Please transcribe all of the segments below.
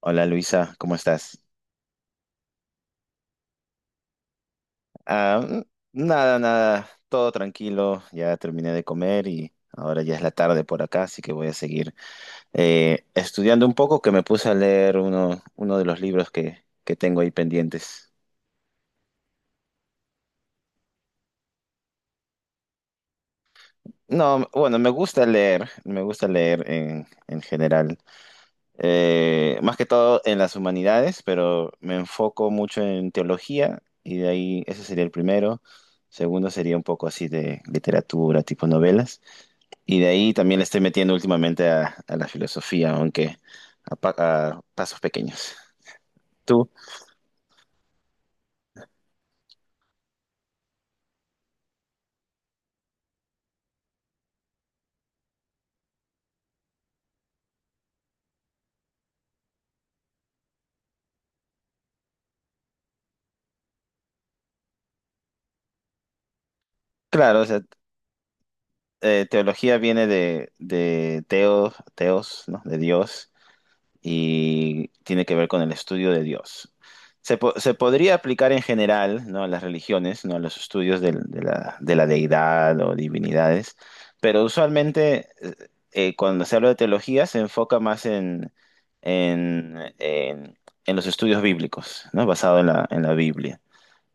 Hola Luisa, ¿cómo estás? Ah, nada, nada, todo tranquilo, ya terminé de comer y ahora ya es la tarde por acá, así que voy a seguir estudiando un poco, que me puse a leer uno de los libros que tengo ahí pendientes. No, bueno, me gusta leer en general, más que todo en las humanidades, pero me enfoco mucho en teología y de ahí ese sería el primero. Segundo sería un poco así de literatura, tipo novelas. Y de ahí también le estoy metiendo últimamente a la filosofía, aunque a pasos pequeños. Tú, claro, o sea, teología viene de Teos, ¿no? De Dios. Y tiene que ver con el estudio de Dios. Se podría aplicar en general, ¿no? A las religiones, ¿no? A los estudios de la deidad o divinidades, pero usualmente cuando se habla de teología se enfoca más en, en- en los estudios bíblicos, ¿no? Basado en la Biblia.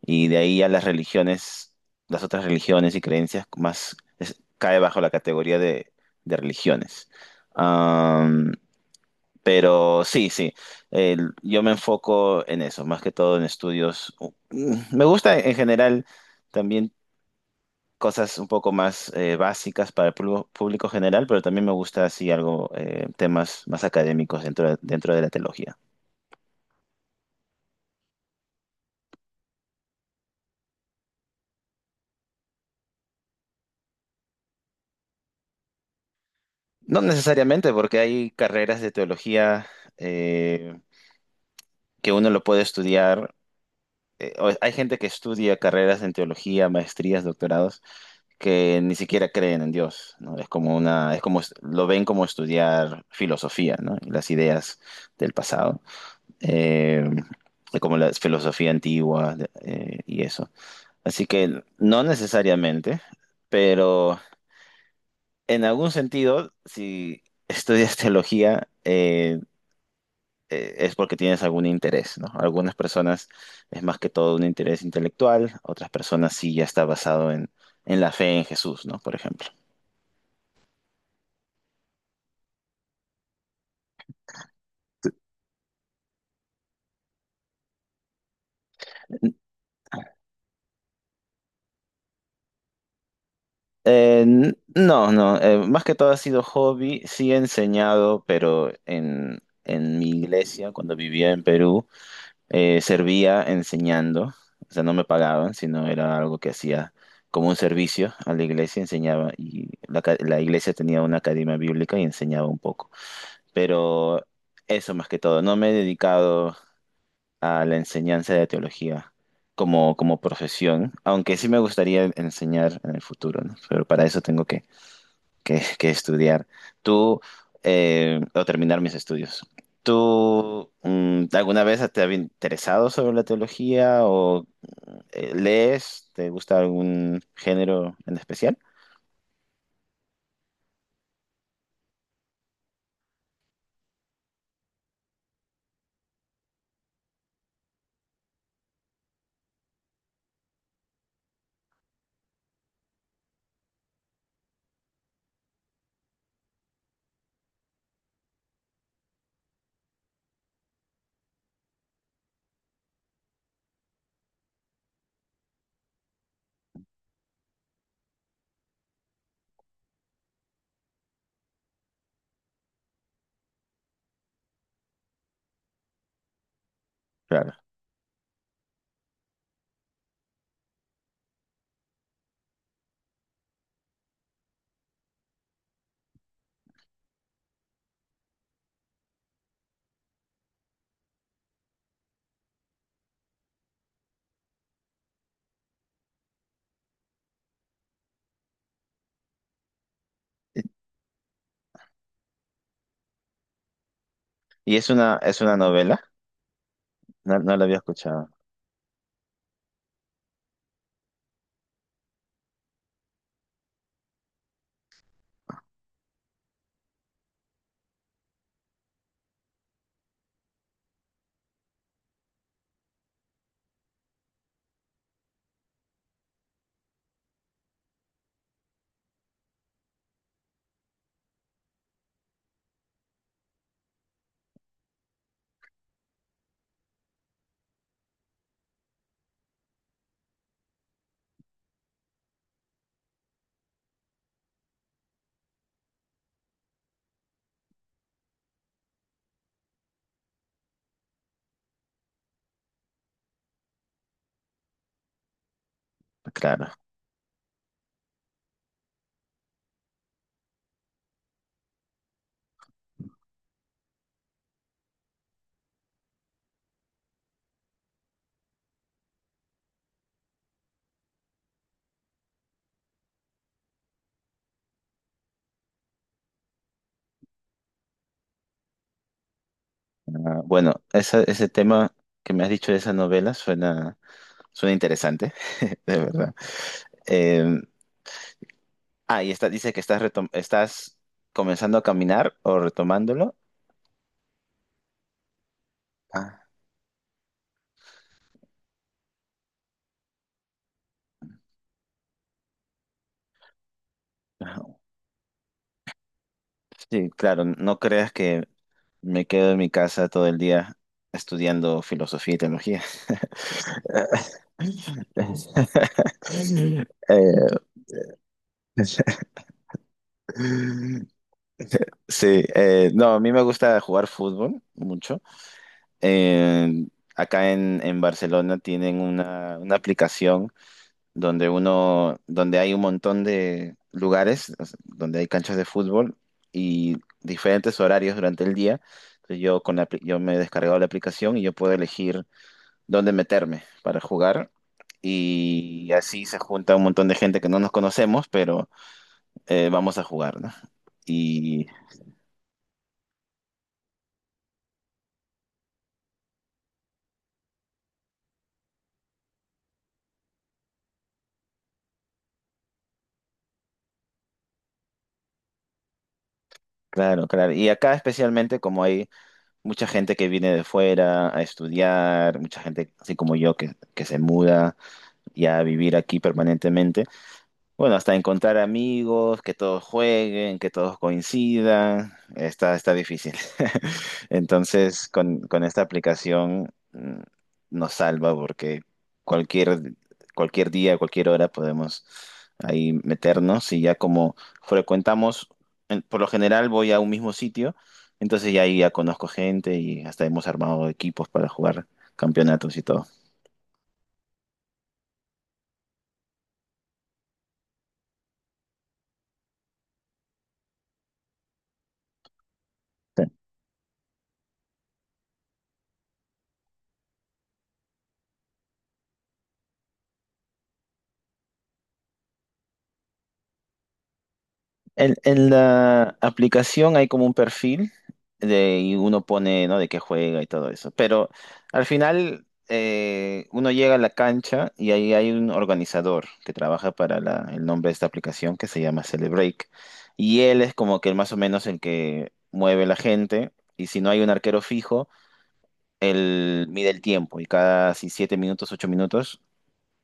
Y de ahí a las religiones, las otras religiones y creencias más cae bajo la categoría de religiones. Pero sí, sí, yo me enfoco en eso, más que todo en estudios. Me gusta en general también cosas un poco más básicas para el público general, pero también me gusta así algo, temas más académicos dentro de la teología. No necesariamente, porque hay carreras de teología eh, que uno lo puede estudiar. O hay gente que estudia carreras en teología, maestrías, doctorados que ni siquiera creen en Dios, ¿no? Es como una, es como, lo ven como estudiar filosofía, ¿no? Y las ideas del pasado, eh, como la filosofía antigua, y eso. Así que no necesariamente, pero en algún sentido, si estudias teología, es porque tienes algún interés, ¿no? Algunas personas es más que todo un interés intelectual, otras personas sí ya está basado en la fe en Jesús, ¿no? Por ejemplo. No, no, más que todo ha sido hobby, sí he enseñado, pero en mi iglesia, cuando vivía en Perú, servía enseñando, o sea, no me pagaban, sino era algo que hacía como un servicio a la iglesia, enseñaba, y la iglesia tenía una academia bíblica y enseñaba un poco, pero eso más que todo, no me he dedicado a la enseñanza de teología como profesión, aunque sí me gustaría enseñar en el futuro, ¿no? Pero para eso tengo que estudiar. Tú, o terminar mis estudios. ¿Tú alguna vez te has interesado sobre la teología o lees? ¿Te gusta algún género en especial? Claro. Y es una novela, no, no la había escuchado. Claro. Ah, bueno, ese tema que me has dicho de esa novela suena interesante, de verdad. Eh, y dice que estás comenzando a caminar o retomándolo. Ah. Ajá. Sí, claro, no creas que me quedo en mi casa todo el día estudiando filosofía y teología. Eh, sí, no, a mí me gusta jugar fútbol mucho. Eh, acá en Barcelona tienen una aplicación donde donde hay un montón de lugares, o sea, donde hay canchas de fútbol y diferentes horarios durante el día. Entonces yo me he descargado la aplicación y yo puedo elegir dónde meterme para jugar. Y así se junta un montón de gente que no nos conocemos, pero vamos a jugar, ¿no? Y claro, claro. Y acá especialmente como hay mucha gente que viene de fuera a estudiar, mucha gente así como yo que se muda ya a vivir aquí permanentemente. Bueno, hasta encontrar amigos, que todos jueguen, que todos coincidan, está difícil. Entonces, con esta aplicación nos salva porque cualquier, cualquier día, cualquier hora podemos ahí meternos y ya como frecuentamos, por lo general voy a un mismo sitio, entonces ya ahí ya conozco gente y hasta hemos armado equipos para jugar campeonatos y todo. Sí. En la aplicación hay como un perfil y uno pone, ¿no? De qué juega y todo eso. Pero al final uno llega a la cancha y ahí hay un organizador que trabaja para el nombre de esta aplicación que se llama Celebreak. Y él es como que más o menos el que mueve la gente. Y si no hay un arquero fijo, él mide el tiempo y cada si 7 minutos, 8 minutos,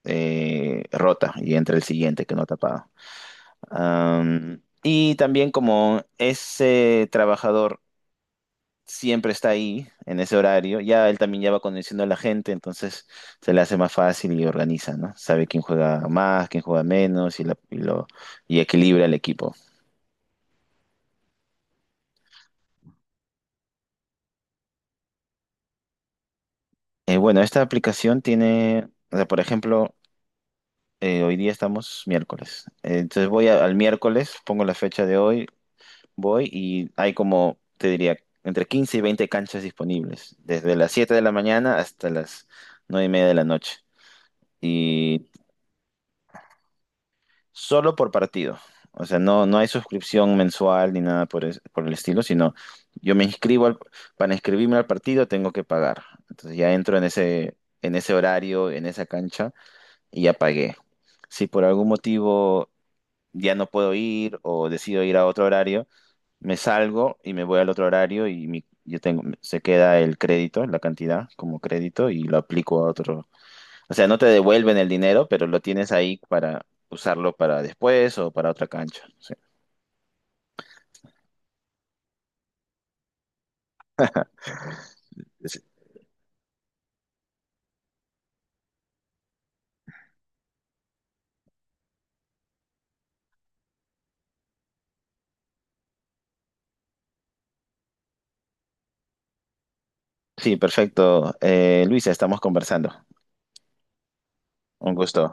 rota y entra el siguiente que no ha tapado. Y también como ese trabajador siempre está ahí en ese horario, ya él también ya va conociendo a la gente, entonces se le hace más fácil y organiza, ¿no? Sabe quién juega más, quién juega menos y equilibra el equipo. Bueno, esta aplicación tiene, o sea, por ejemplo, hoy día estamos miércoles. Entonces al miércoles, pongo la fecha de hoy. Voy y hay como, te diría, entre 15 y 20 canchas disponibles, desde las 7 de la mañana hasta las 9:30 de la noche. Y solo por partido. O sea, no, no hay suscripción mensual ni nada por el estilo, sino yo me inscribo para inscribirme al partido tengo que pagar. Entonces ya entro en ese horario, en esa cancha y ya pagué. Si por algún motivo ya no puedo ir o decido ir a otro horario, me salgo y me voy al otro horario y yo tengo, se queda el crédito, la cantidad como crédito y lo aplico a otro. O sea, no te devuelven el dinero, pero lo tienes ahí para usarlo para después o para otra cancha. Sí, sí, perfecto. Luisa, estamos conversando. Un gusto.